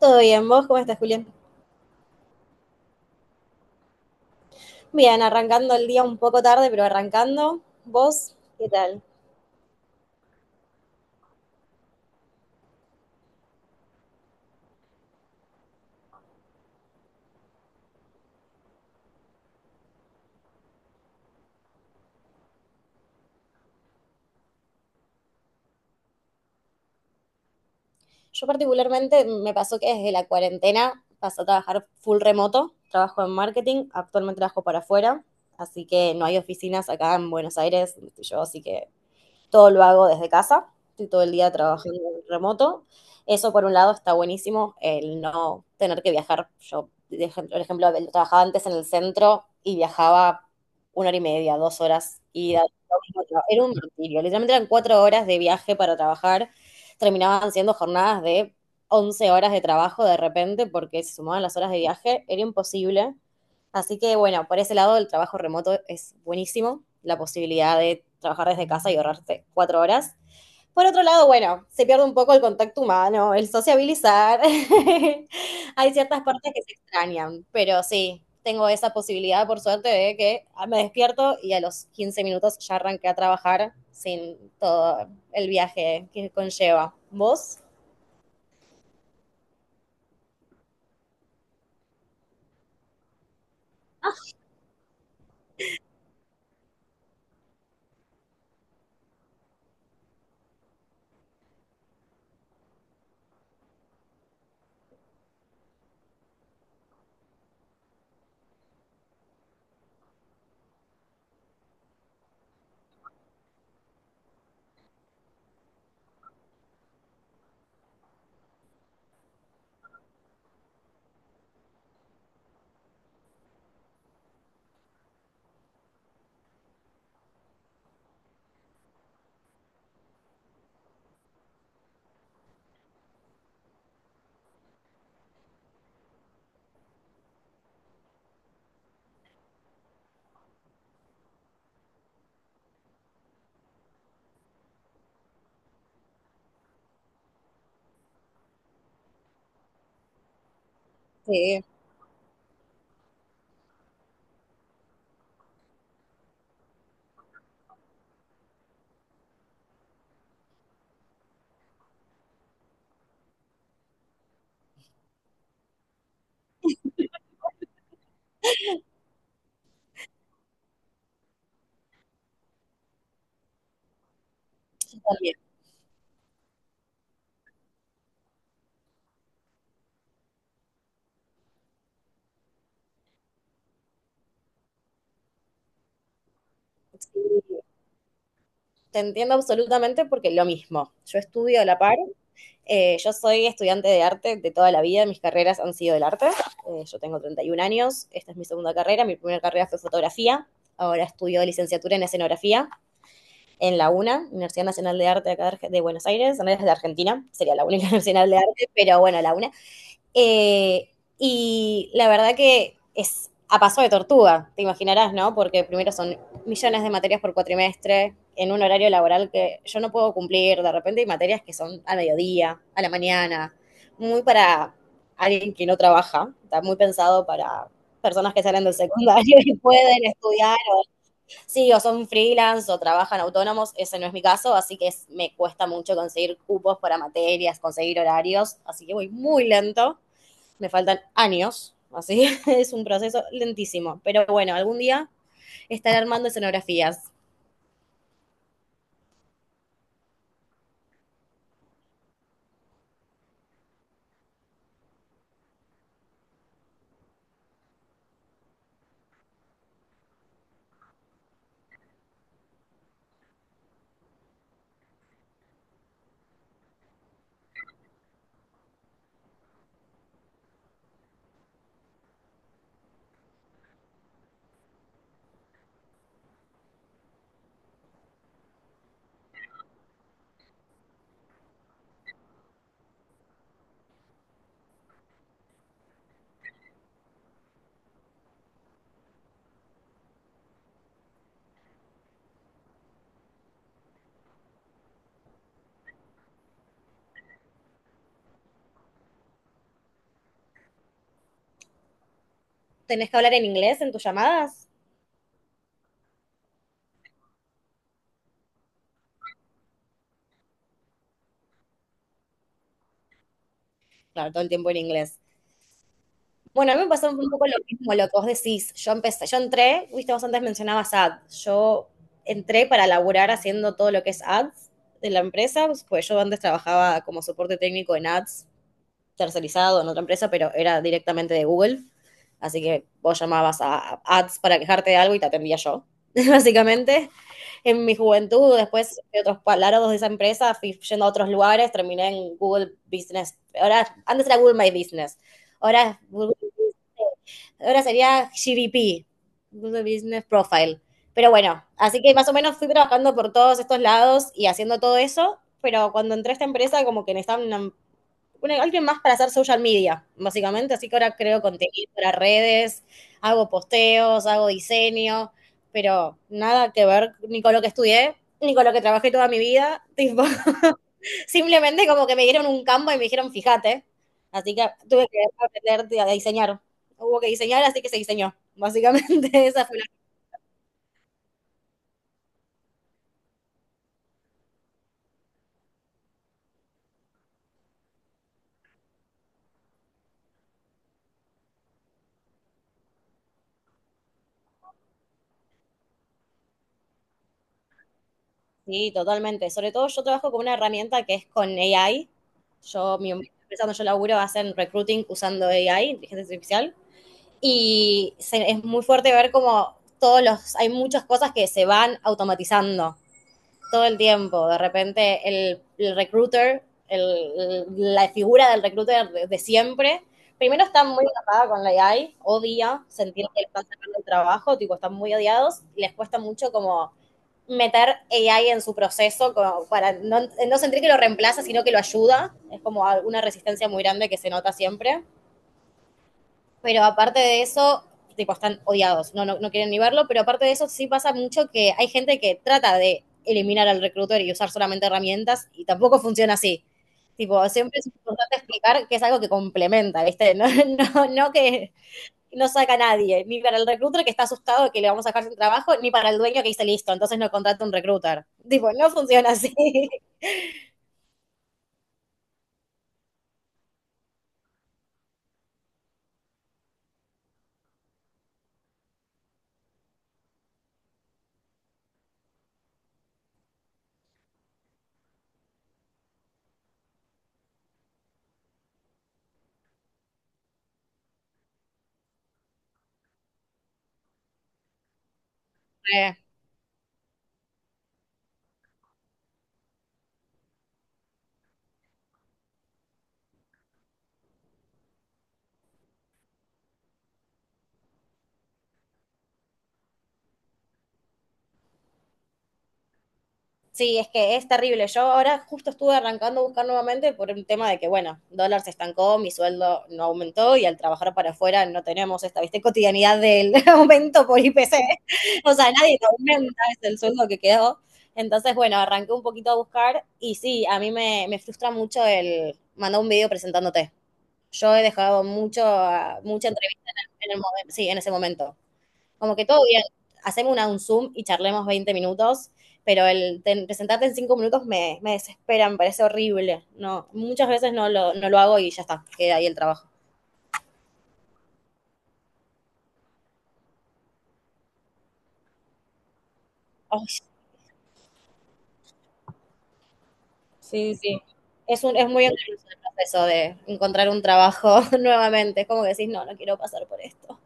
Todo bien, ¿vos cómo estás, Julián? Bien, arrancando el día un poco tarde, pero arrancando. ¿Vos qué tal? Yo particularmente me pasó que desde la cuarentena pasé a trabajar full remoto, trabajo en marketing, actualmente trabajo para afuera, así que no hay oficinas acá en Buenos Aires, donde estoy yo, así que todo lo hago desde casa, estoy todo el día trabajando remoto. Eso por un lado está buenísimo, el no tener que viajar. Yo, por ejemplo, trabajaba antes en el centro y viajaba una hora y media, 2 horas, y era un martirio. Literalmente eran 4 horas de viaje para trabajar, terminaban siendo jornadas de 11 horas de trabajo de repente porque se sumaban las horas de viaje, era imposible. Así que bueno, por ese lado el trabajo remoto es buenísimo, la posibilidad de trabajar desde casa y ahorrarte 4 horas. Por otro lado, bueno, se pierde un poco el contacto humano, el sociabilizar. Hay ciertas partes que se extrañan, pero sí, tengo esa posibilidad, por suerte, de que me despierto y a los 15 minutos ya arranqué a trabajar sin todo el viaje que conlleva. ¿Vos? Sí, también. Te entiendo absolutamente porque lo mismo. Yo estudio a la par. Yo soy estudiante de arte de toda la vida, mis carreras han sido del arte. Yo tengo 31 años, esta es mi segunda carrera, mi primera carrera fue fotografía, ahora estudio licenciatura en escenografía en la UNA, Universidad Nacional de Arte de Buenos Aires, no es de Argentina, sería la única nacional de arte, pero bueno, la UNA. Eh, y la verdad que es a paso de tortuga, te imaginarás, ¿no? Porque primero son millones de materias por cuatrimestre, en un horario laboral que yo no puedo cumplir. De repente hay materias que son al mediodía, a la mañana, muy para alguien que no trabaja, está muy pensado para personas que salen del secundario y pueden estudiar, sí, o son freelance o trabajan autónomos, ese no es mi caso, así que es, me cuesta mucho conseguir cupos para materias, conseguir horarios, así que voy muy lento. Me faltan años, así es un proceso lentísimo. Pero bueno, algún día estaré armando escenografías. ¿Tenés que hablar en inglés en tus llamadas? Claro, todo el tiempo en inglés. Bueno, a mí me pasó un poco lo mismo, lo que vos decís. Yo entré, viste, vos antes mencionabas ads. Yo entré para laburar haciendo todo lo que es ads de la empresa, pues yo antes trabajaba como soporte técnico en ads tercerizado en otra empresa, pero era directamente de Google. Así que vos llamabas a ads para quejarte de algo y te atendía yo, básicamente. En mi juventud, después de otros palabras de esa empresa, fui yendo a otros lugares, terminé en Google Business. Ahora, antes era Google My Business. Ahora, Google Business. Ahora sería GBP, Google Business Profile. Pero bueno, así que más o menos fui trabajando por todos estos lados y haciendo todo eso, pero cuando entré a esta empresa como que necesitaba alguien más para hacer social media, básicamente. Así que ahora creo contenido para redes, hago posteos, hago diseño, pero nada que ver ni con lo que estudié, ni con lo que trabajé toda mi vida. Tipo, simplemente como que me dieron un campo y me dijeron, fíjate. Así que tuve que aprender a diseñar. Hubo que diseñar, así que se diseñó. Básicamente esa fue la... Sí, totalmente. Sobre todo yo trabajo con una herramienta que es con AI. Yo, mi empresa donde yo laburo hacen recruiting usando AI, inteligencia artificial. Es muy fuerte ver como todos los, hay muchas cosas que se van automatizando todo el tiempo. De repente el recruiter, la figura del recruiter de siempre, primero están muy tapada con la AI, odia sentir que le están sacando el trabajo, tipo, están muy odiados, y les cuesta mucho como meter AI en su proceso como para no, sentir que lo reemplaza, sino que lo ayuda. Es como una resistencia muy grande que se nota siempre. Pero aparte de eso, tipo, están odiados, no, no, no quieren ni verlo, pero aparte de eso sí pasa mucho que hay gente que trata de eliminar al recruiter y usar solamente herramientas y tampoco funciona así. Tipo, siempre es importante explicar que es algo que complementa, ¿viste? No, no, no que no saca a nadie, ni para el recruiter que está asustado de que le vamos a dejar sin trabajo, ni para el dueño que dice listo, entonces no contrata un recruiter. Tipo, no funciona así. Eh, Sí es que es terrible. Yo ahora justo estuve arrancando a buscar nuevamente por un tema de que, bueno, dólar se estancó, mi sueldo no aumentó y al trabajar para afuera no tenemos esta, ¿viste? Cotidianidad del aumento por IPC. O sea, nadie te aumenta, es el sueldo que quedó. Entonces, bueno, arranqué un poquito a buscar y sí, a mí me, frustra mucho el mandar un video presentándote. Yo he dejado mucha entrevista sí, en ese momento. Como que todo bien, hacemos un Zoom y charlemos 20 minutos, pero presentarte en 5 minutos me desespera, me parece horrible. No, muchas veces no lo hago y ya está, queda ahí el trabajo. Ay, sí, sí. Es muy engorroso el proceso de encontrar un trabajo nuevamente. Es como que decís, no, no quiero pasar por esto.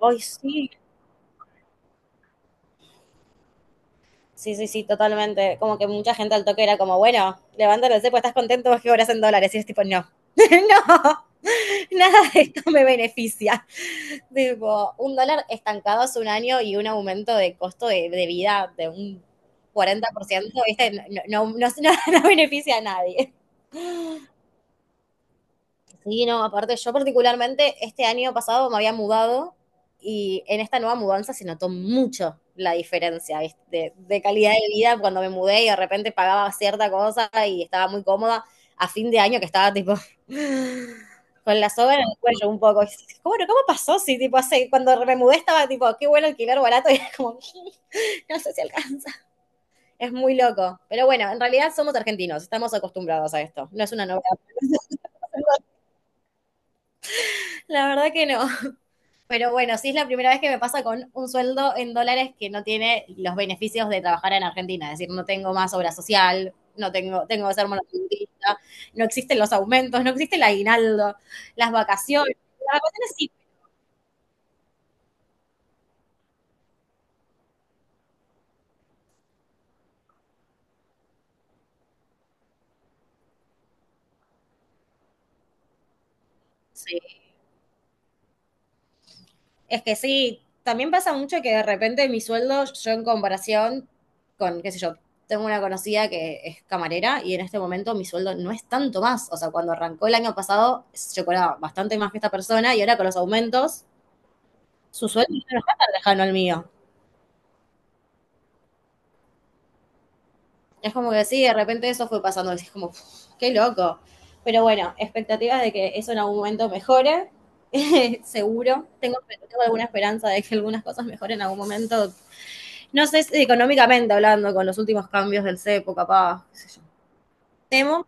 Ay, sí. Sí, sí, sí, totalmente. Como que mucha gente al toque era como, bueno, levántate, pues estás contento, vos que cobras en dólares. Y es tipo, no, no, nada de esto me beneficia. Tipo, un dólar estancado hace un año y un aumento de costo de vida de un 40%, ¿viste? No, no, no, no beneficia a nadie. Sí, no, aparte yo particularmente este año pasado me había mudado y en esta nueva mudanza se notó mucho la diferencia, ¿viste? De calidad de vida cuando me mudé y de repente pagaba cierta cosa y estaba muy cómoda a fin de año que estaba tipo con la soga en el cuello un poco. ¿Cómo pasó? Si tipo hace, cuando me mudé estaba tipo, qué bueno alquiler barato y era como, no sé si alcanza. Es muy loco. Pero bueno, en realidad somos argentinos, estamos acostumbrados a esto. No es una novedad. La verdad que no. Pero bueno, sí es la primera vez que me pasa con un sueldo en dólares que no tiene los beneficios de trabajar en Argentina. Es decir, no tengo más obra social, no tengo, tengo que ser monotributista, no existen los aumentos, no existe el aguinaldo, las vacaciones. Las vacaciones sí, sí. Es que sí, también pasa mucho que de repente mi sueldo, yo en comparación con, qué sé yo, tengo una conocida que es camarera y en este momento mi sueldo no es tanto más. O sea, cuando arrancó el año pasado, yo cobraba bastante más que esta persona y ahora con los aumentos su sueldo ya no está tan lejano al mío. Es como que sí, de repente eso fue pasando. Es como, "Uf, qué loco". Pero bueno, expectativas de que eso en algún momento mejore. Seguro tengo, alguna esperanza de que algunas cosas mejoren en algún momento. No sé si económicamente hablando, con los últimos cambios del CEPO, capaz, qué sé yo. Temo,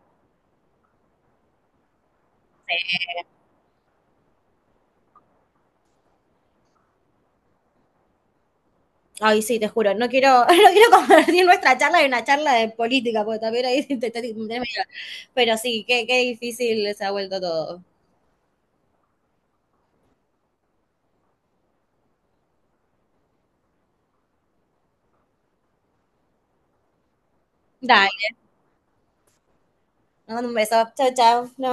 ay sí, te juro, no quiero, no quiero convertir nuestra charla en una charla de política, porque también ahí Pero sí, qué, difícil se ha vuelto todo. Dale, te mando un beso, chao, chao, nos